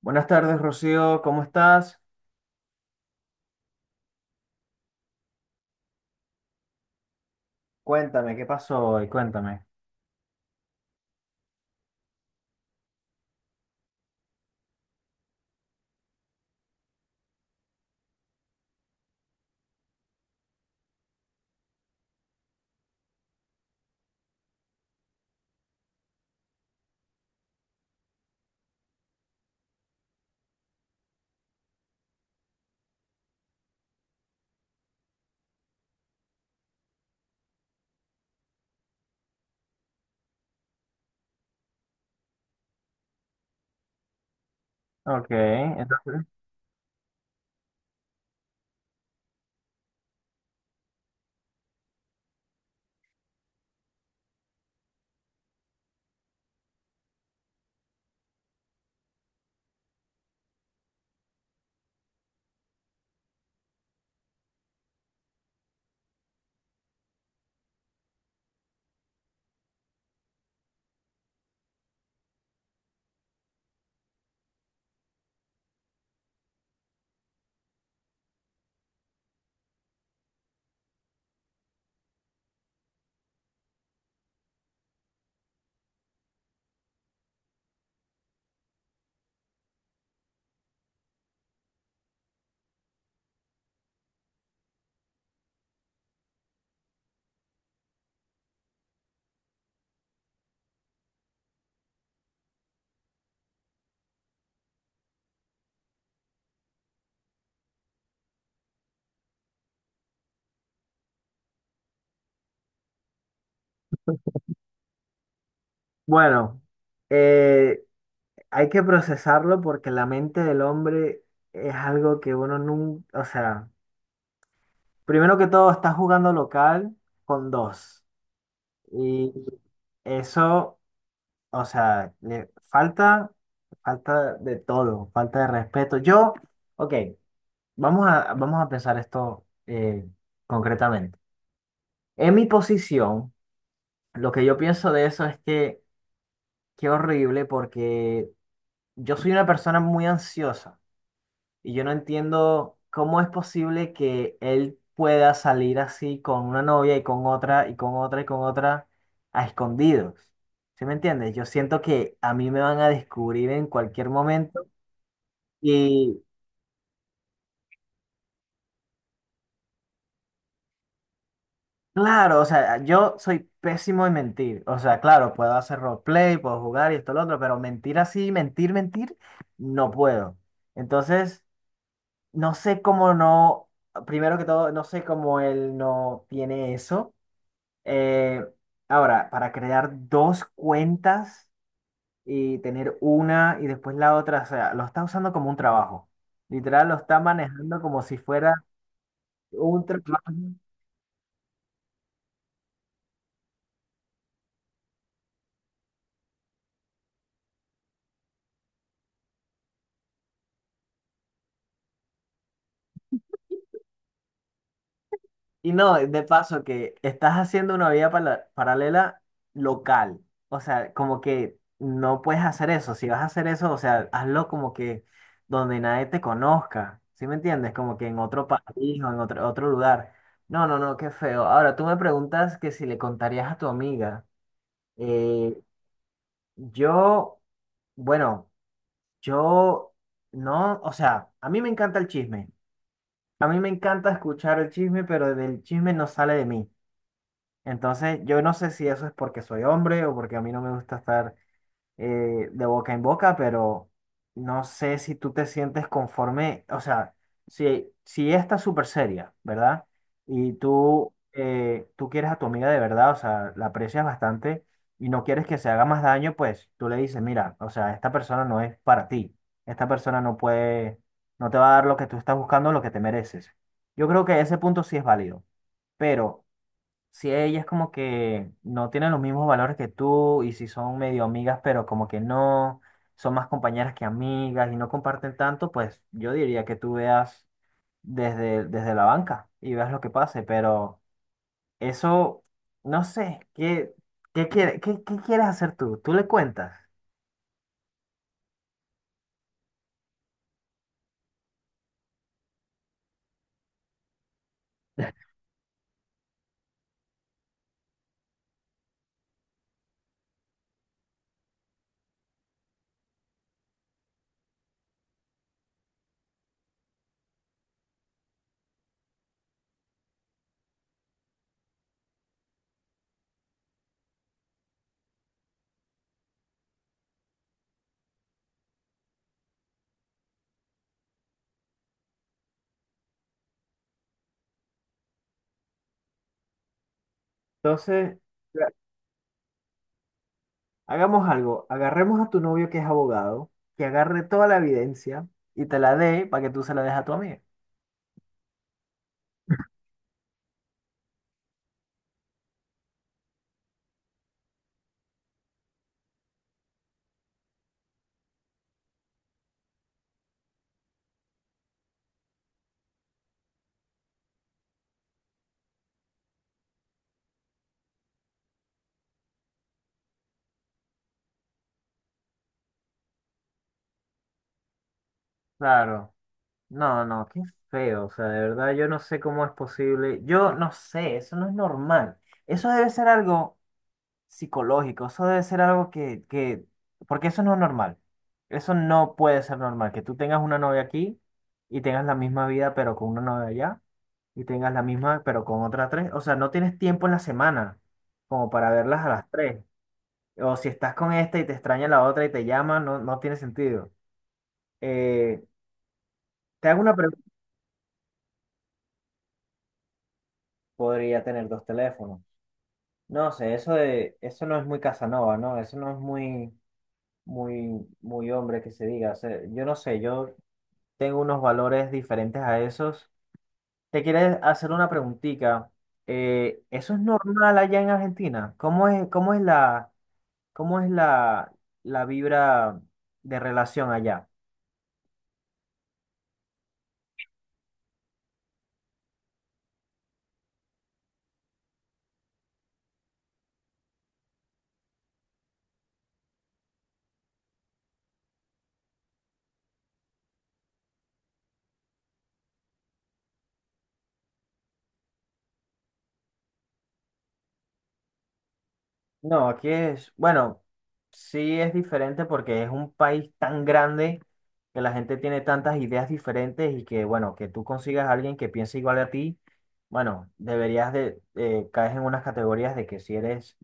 Buenas tardes, Rocío, ¿cómo estás? Cuéntame, ¿qué pasó hoy? Cuéntame. Ok, entonces, bueno, eh, hay que procesarlo porque la mente del hombre es algo que uno nunca, o sea, primero que todo, está jugando local con dos. Y eso, o sea, le falta, falta de todo, falta de respeto. Yo, ok, vamos a pensar esto concretamente. En mi posición. Lo que yo pienso de eso es que qué horrible porque yo soy una persona muy ansiosa y yo no entiendo cómo es posible que él pueda salir así con una novia y con otra y con otra y con otra a escondidos. ¿Sí me entiendes? Yo siento que a mí me van a descubrir en cualquier momento y claro, o sea, yo soy pésimo en mentir. O sea, claro, puedo hacer roleplay, puedo jugar y esto lo otro, pero mentir así, mentir, mentir, no puedo. Entonces... No sé cómo no, primero que todo, no sé cómo él no tiene eso. Eh, Ahora, para crear dos cuentas y tener una y después la otra, o sea, lo está usando como un trabajo. Literal, lo está manejando como si fuera un trabajo. Y no, de paso que estás haciendo una vida paralela local. O sea, como que no puedes hacer eso. Si vas a hacer eso, o sea, hazlo como que donde nadie te conozca. ¿Sí me entiendes? Como que en otro país o en otro lugar. No, no, no, qué feo. Ahora, tú me preguntas que si le contarías a tu amiga. Eh, yo, bueno, yo no, o sea, a mí me encanta el chisme. A mí me encanta escuchar el chisme, pero del chisme no sale de mí. Entonces, yo no sé si eso es porque soy hombre o porque a mí no me gusta estar de boca en boca, pero no sé si tú te sientes conforme, o sea, si ella está súper seria, ¿verdad? Y tú, tú quieres a tu amiga de verdad, o sea, la aprecias bastante y no quieres que se haga más daño, pues tú le dices, mira, o sea, esta persona no es para ti, esta persona no puede, no te va a dar lo que tú estás buscando, lo que te mereces. Yo creo que ese punto sí es válido, pero si ellas como que no tienen los mismos valores que tú y si son medio amigas, pero como que no, son más compañeras que amigas y no comparten tanto, pues yo diría que tú veas desde la banca y veas lo que pase, pero eso, no sé, ¿ qué quieres hacer tú? Tú le cuentas. Entonces, claro, hagamos algo, agarremos a tu novio que es abogado, que agarre toda la evidencia y te la dé para que tú se la des a tu amiga. Claro. No, no, qué feo, o sea, de verdad yo no sé cómo es posible, yo no sé, eso no es normal, eso debe ser algo psicológico, eso debe ser algo porque eso no es normal, eso no puede ser normal, que tú tengas una novia aquí y tengas la misma vida pero con una novia allá y tengas la misma pero con otra tres, o sea, no tienes tiempo en la semana como para verlas a las tres, o si estás con esta y te extraña la otra y te llama, no, no tiene sentido. Eh, te hago una pregunta, podría tener dos teléfonos. No sé, eso no es muy Casanova, ¿no? Eso no es muy, muy, muy hombre que se diga. O sea, yo no sé, yo tengo unos valores diferentes a esos. Te quieres hacer una preguntita. ¿Eso es normal allá en Argentina? ¿Cómo es cómo es la, la vibra de relación allá? No, aquí es, bueno, sí es diferente porque es un país tan grande que la gente tiene tantas ideas diferentes y que, bueno, que tú consigas a alguien que piense igual a ti, bueno, deberías de, caes en unas categorías de que si eres,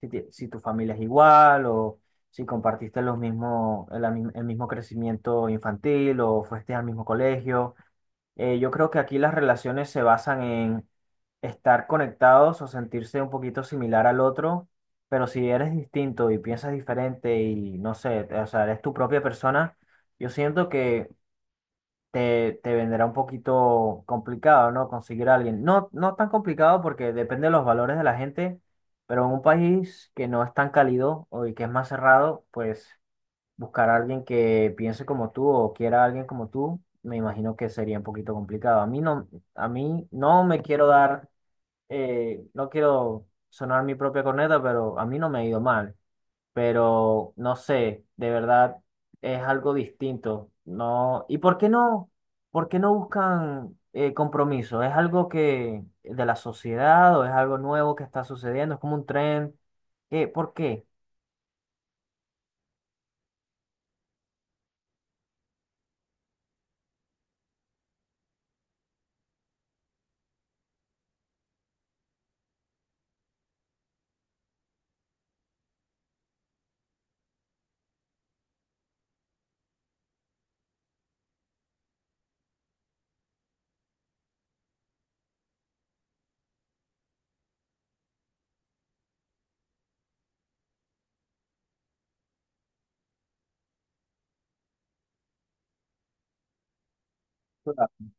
si tu familia es igual o si compartiste los mismo, el mismo crecimiento infantil o fuiste al mismo colegio. Yo creo que aquí las relaciones se basan en estar conectados o sentirse un poquito similar al otro, pero si eres distinto y piensas diferente y no sé, o sea, eres tu propia persona, yo siento que te vendrá un poquito complicado, ¿no? Conseguir a alguien. No, no tan complicado porque depende de los valores de la gente, pero en un país que no es tan cálido o y que es más cerrado, pues buscar a alguien que piense como tú o quiera a alguien como tú, me imagino que sería un poquito complicado. A mí no me quiero dar, no quiero sonar mi propia corneta, pero a mí no me ha ido mal. Pero no sé, de verdad es algo distinto. No, ¿y por qué no? ¿Por qué no buscan compromiso? ¿Es algo que de la sociedad o es algo nuevo que está sucediendo? ¿Es como un tren? ¿Qué? ¿Por qué? Claro.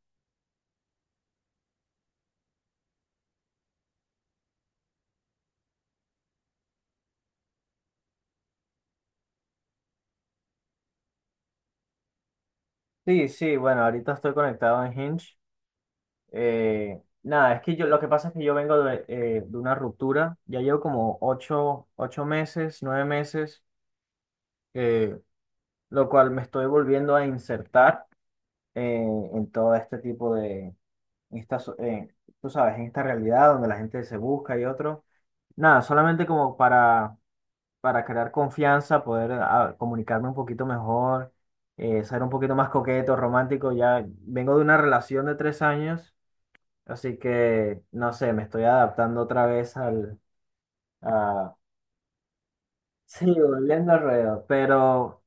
Sí, sí, bueno, ahorita estoy conectado en Hinge. Nada, es que yo lo que pasa es que yo vengo de una ruptura. Ya llevo como ocho meses, nueve meses, eh, lo cual me estoy volviendo a insertar eh, en todo este tipo de, en esta tú sabes, en esta realidad donde la gente se busca y otro. Nada, solamente como para crear confianza, poder ah, comunicarme un poquito mejor, ser un poquito más coqueto, romántico. Ya vengo de una relación de tres años. Así que, no sé, me estoy adaptando otra vez al, a, sí, volviendo al ruedo, pero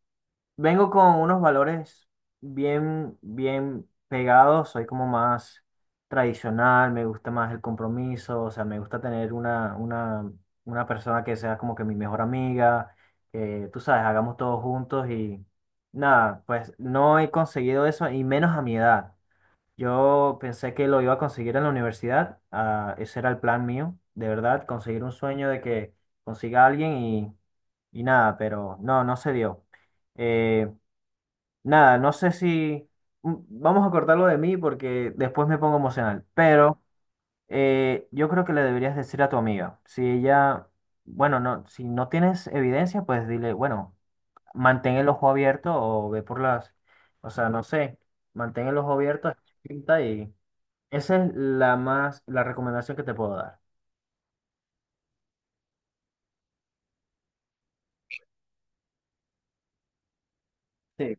vengo con unos valores bien, bien pegados, soy como más tradicional, me gusta más el compromiso, o sea, me gusta tener una persona que sea como que mi mejor amiga, que tú sabes, hagamos todos juntos y nada, pues no he conseguido eso y menos a mi edad. Yo pensé que lo iba a conseguir en la universidad, ah, ese era el plan mío, de verdad, conseguir un sueño de que consiga a alguien y nada, pero no, no se dio. Eh, nada, no sé si mm, vamos a cortarlo de mí porque después me pongo emocional, pero yo creo que le deberías decir a tu amiga, si ella, bueno, no, si no tienes evidencia, pues dile, bueno, mantén el ojo abierto o ve por las, o sea, no sé, mantén el ojo abierto, escucha y... Esa es la más, la recomendación que te puedo dar. Sí.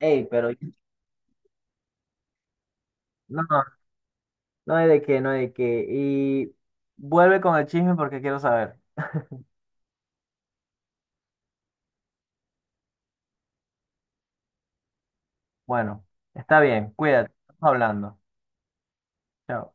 Ey, pero no, no, no hay de qué, no hay de qué. Y vuelve con el chisme porque quiero saber. Bueno, está bien, cuídate, estamos hablando. Chao.